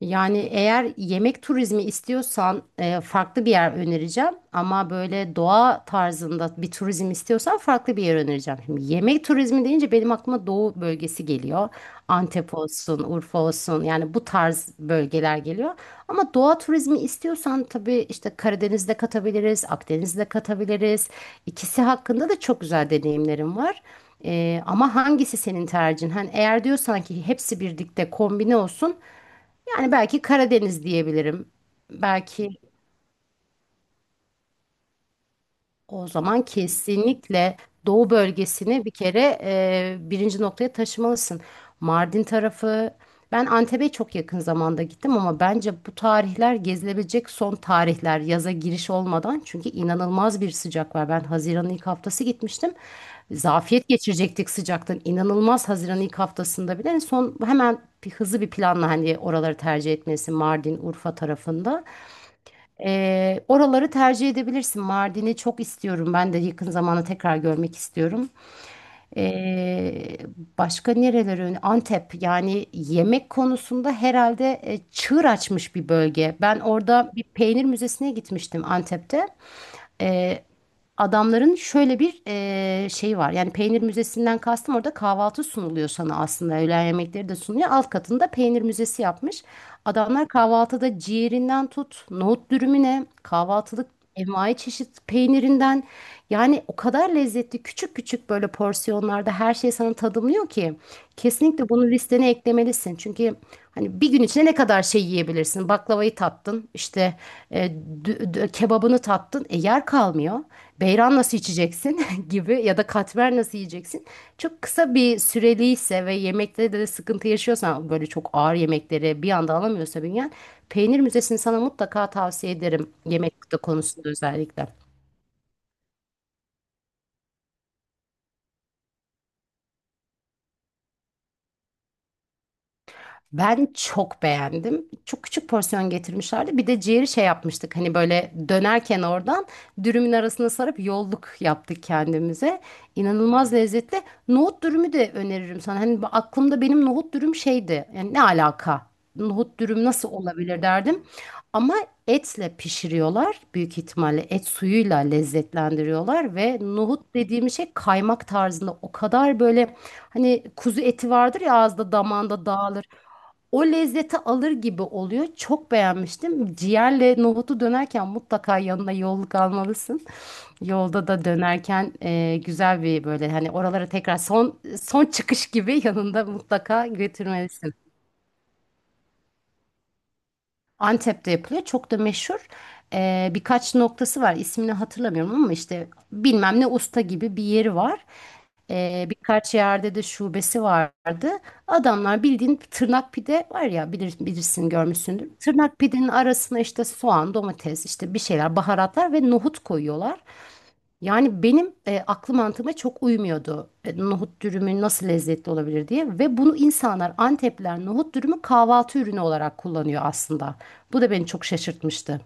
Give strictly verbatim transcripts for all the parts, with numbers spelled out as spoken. Yani eğer yemek turizmi istiyorsan e, farklı bir yer önereceğim. Ama böyle doğa tarzında bir turizm istiyorsan farklı bir yer önereceğim. Şimdi yemek turizmi deyince benim aklıma doğu bölgesi geliyor. Antep olsun, Urfa olsun yani bu tarz bölgeler geliyor. Ama doğa turizmi istiyorsan tabii işte Karadeniz'de katabiliriz, Akdeniz'de katabiliriz. İkisi hakkında da çok güzel deneyimlerim var. E, ama hangisi senin tercihin? Hani eğer diyorsan ki hepsi birlikte kombine olsun. Yani belki Karadeniz diyebilirim. Belki o zaman kesinlikle doğu bölgesini bir kere e, birinci noktaya taşımalısın. Mardin tarafı, ben Antep'e çok yakın zamanda gittim ama bence bu tarihler gezilebilecek son tarihler yaza giriş olmadan. Çünkü inanılmaz bir sıcak var. Ben Haziran'ın ilk haftası gitmiştim. Zafiyet geçirecektik sıcaktan. İnanılmaz Haziran'ın ilk haftasında bile. Son hemen bir hızlı bir planla hani oraları tercih etmesi Mardin, Urfa tarafında. Ee, oraları tercih edebilirsin. Mardin'i çok istiyorum. Ben de yakın zamanda tekrar görmek istiyorum. Ee, Başka nereleri? öne- Antep. Yani yemek konusunda herhalde e, çığır açmış bir bölge. Ben orada bir peynir müzesine gitmiştim Antep'te. e, Adamların şöyle bir e, şey var. Yani peynir müzesinden kastım orada kahvaltı sunuluyor sana aslında. Öğlen yemekleri de sunuyor. Alt katında peynir müzesi yapmış. Adamlar kahvaltıda ciğerinden tut, nohut dürümüne, kahvaltılık envai çeşit peynirinden yani o kadar lezzetli küçük küçük böyle porsiyonlarda her şey sana tadımlıyor ki kesinlikle bunu listene eklemelisin yemeyebilirsin. Çünkü hani bir gün içinde ne kadar şey yiyebilirsin? Baklavayı tattın, işte e, dü- dü- kebabını tattın, e, yer kalmıyor. Beyran nasıl içeceksin gibi ya da katmer nasıl yiyeceksin? Çok kısa bir süreliyse ve yemekte de sıkıntı yaşıyorsan böyle çok ağır yemekleri bir anda alamıyorsa bünyen, peynir müzesini sana mutlaka tavsiye ederim yemek konusunda özellikle. Ben çok beğendim. Çok küçük porsiyon getirmişlerdi. Bir de ciğeri şey yapmıştık. Hani böyle dönerken oradan dürümün arasına sarıp yolluk yaptık kendimize. İnanılmaz lezzetli. Nohut dürümü de öneririm sana. Hani bu- aklımda benim nohut dürüm şeydi. Yani ne alaka? Nohut dürüm nasıl olabilir derdim. Ama etle pişiriyorlar. Büyük ihtimalle et suyuyla lezzetlendiriyorlar ve nohut dediğim şey kaymak tarzında o kadar böyle. Hani kuzu eti vardır ya ağızda damağında dağılır o lezzeti alır gibi oluyor. Çok beğenmiştim. Ciğerle nohutu dönerken mutlaka yanına yolluk almalısın. Yolda da dönerken e, güzel bir böyle hani oralara tekrar son son çıkış gibi yanında mutlaka götürmelisin. Antep'te yapılıyor. Çok da meşhur. Ee, birkaç noktası var. İsmini hatırlamıyorum ama işte bilmem ne usta gibi bir yeri var. Ee, birkaç yerde de şubesi vardı. Adamlar bildiğin tırnak pide var ya bilir, bilirsin görmüşsündür. Tırnak pidenin arasına işte soğan, domates, işte bir şeyler, baharatlar ve nohut koyuyorlar. Yani benim e, aklı mantığıma çok uymuyordu e, nohut dürümü nasıl lezzetli olabilir diye ve bunu insanlar Antepliler nohut dürümü kahvaltı ürünü olarak kullanıyor aslında. Bu da beni çok şaşırtmıştı.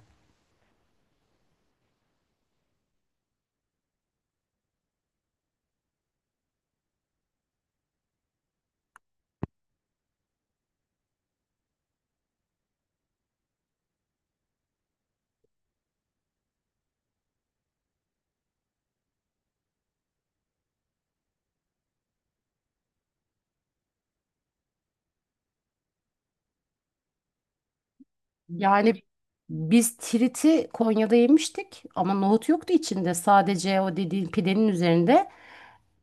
Yani biz tiriti Konya'da yemiştik ama nohut yoktu içinde sadece o dediğin pidenin üzerinde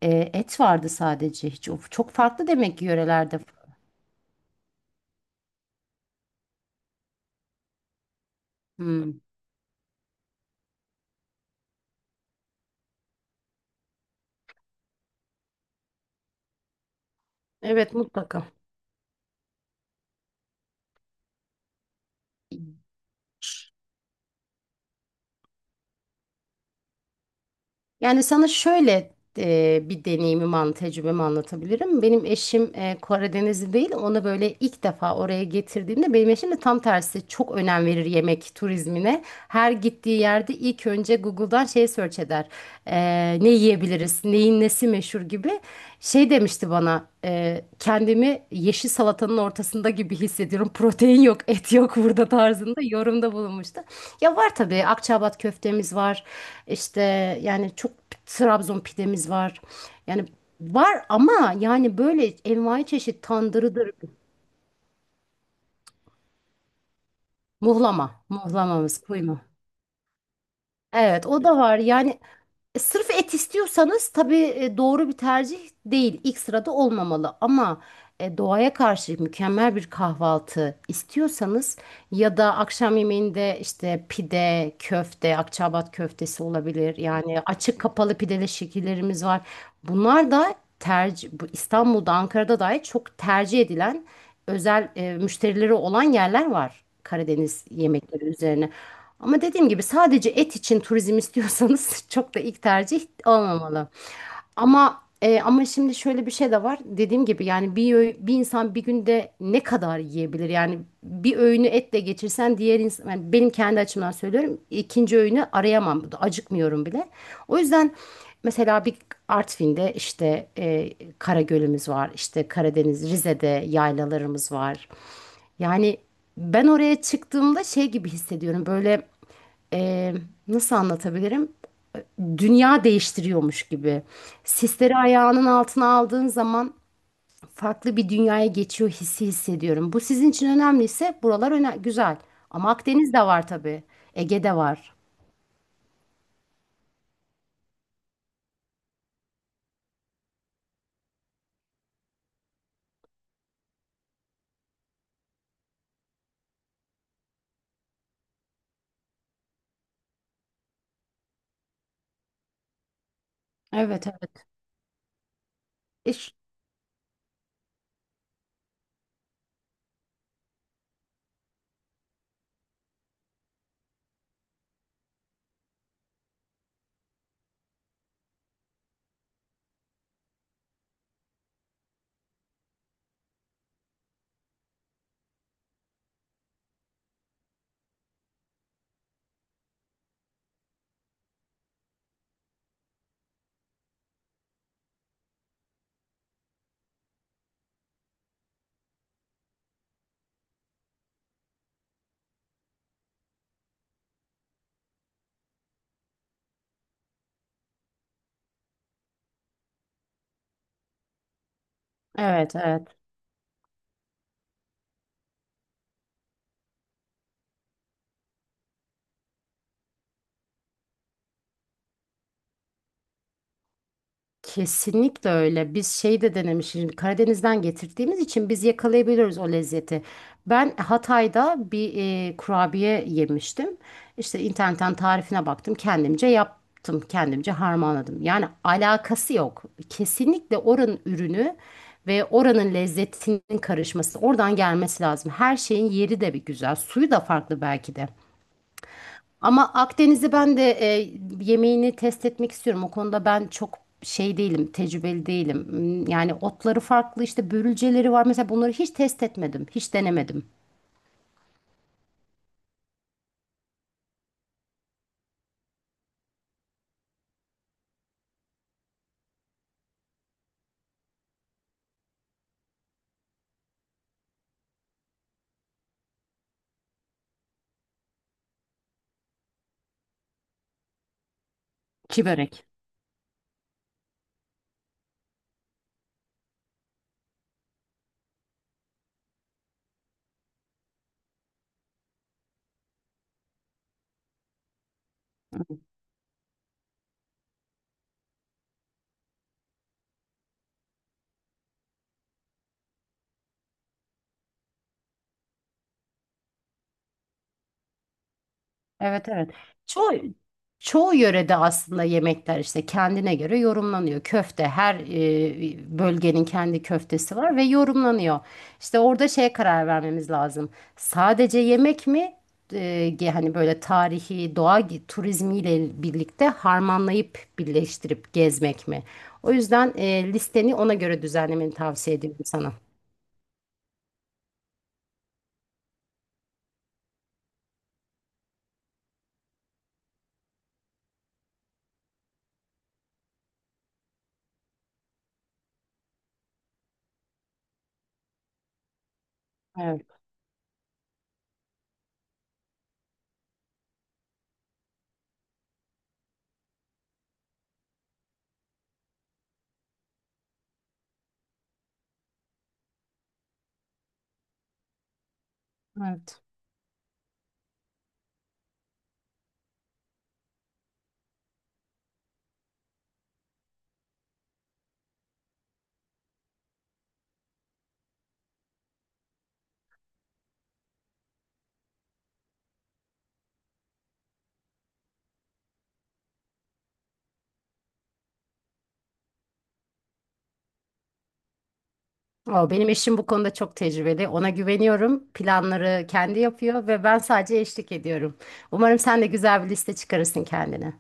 e, et vardı sadece hiç o çok farklı demek ki yörelerde. Hmm. Evet mutlaka. Yani sana şöyle e, bir deneyimimi, an, tecrübemi anlatabilirim. Benim eşim e, Karadenizli değil. Onu böyle ilk defa oraya getirdiğimde benim eşim de tam tersi çok önem verir yemek turizmine. Her gittiği yerde ilk önce Google'dan şey search eder. E, Ne yiyebiliriz, neyin nesi meşhur gibi. Şey demişti bana e, kendimi yeşil salatanın ortasında gibi hissediyorum. Protein yok, et yok burada tarzında yorumda bulunmuştu. Ya var tabii Akçaabat köftemiz var. İşte yani çok Trabzon pidemiz var. Yani var ama yani böyle envai çeşit tandırıdır. Muhlama. Muhlamamız kuyma. Evet o da var. Yani E, sırf et istiyorsanız tabii e, doğru bir tercih değil. İlk sırada olmamalı ama e, doğaya karşı mükemmel bir kahvaltı istiyorsanız ya da akşam yemeğinde işte pide, köfte, Akçaabat köftesi olabilir. Yani açık kapalı pideli şekillerimiz var. Bunlar da tercih, bu İstanbul'da, Ankara'da dahi çok tercih edilen özel e, müşterileri olan yerler var Karadeniz yemekleri üzerine. Ama dediğim gibi sadece et için turizm istiyorsanız çok da ilk tercih olmamalı. Ama e, ama şimdi şöyle bir şey de var. Dediğim gibi yani bir öğ- bir insan bir günde ne kadar yiyebilir? Yani bir öğünü etle geçirsen diğer insan yani benim kendi açımdan söylüyorum. İkinci öğünü arayamam. Acıkmıyorum bile. O yüzden mesela bir Artvin'de işte e, Karagöl'ümüz var. İşte Karadeniz, Rize'de yaylalarımız var. Yani ben oraya çıktığımda şey gibi hissediyorum. Böyle e, nasıl anlatabilirim? Dünya değiştiriyormuş gibi. Sisleri ayağının altına aldığın zaman farklı bir dünyaya geçiyor hissi hissediyorum. Bu sizin için önemliyse buralar öne güzel. Ama Akdeniz de var tabii. Ege de var. Evet, evet. İş, evet, evet. Kesinlikle öyle. Biz şey de denemişiz. Şimdi Karadeniz'den getirdiğimiz için biz yakalayabiliyoruz o lezzeti. Ben Hatay'da bir e, kurabiye yemiştim. İşte internetten tarifine baktım. Kendimce yaptım. Kendimce harmanladım. Yani alakası yok. Kesinlikle oranın ürünü ve oranın lezzetinin karışması, oradan gelmesi lazım. Her şeyin yeri de bir güzel. Suyu da farklı belki de. Ama Akdeniz'i ben de e, yemeğini test etmek istiyorum. O konuda ben çok şey değilim, tecrübeli değilim. Hmm, yani otları farklı, işte börülceleri var. Mesela bunları hiç test etmedim, hiç denemedim. Çibörek. Evet, evet. Çoğu çoğu yörede aslında yemekler işte kendine göre yorumlanıyor. Köfte her e, bölgenin kendi köftesi var ve yorumlanıyor. İşte orada şeye karar vermemiz lazım. Sadece yemek mi? E, ge- hani böyle tarihi doğa gi- turizmiyle birlikte harmanlayıp birleştirip gezmek mi? O yüzden e, listeni ona göre düzenlemeni tavsiye ediyorum sana. Evet, evet. Aa, benim eşim bu konuda çok tecrübeli. Ona güveniyorum. Planları kendi yapıyor ve ben sadece eşlik ediyorum. Umarım sen de güzel bir liste çıkarırsın kendine.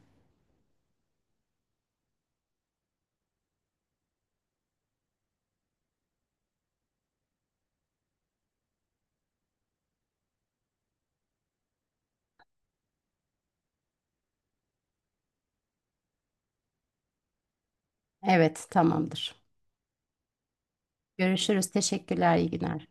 Evet, tamamdır. Görüşürüz. Teşekkürler. İyi günler.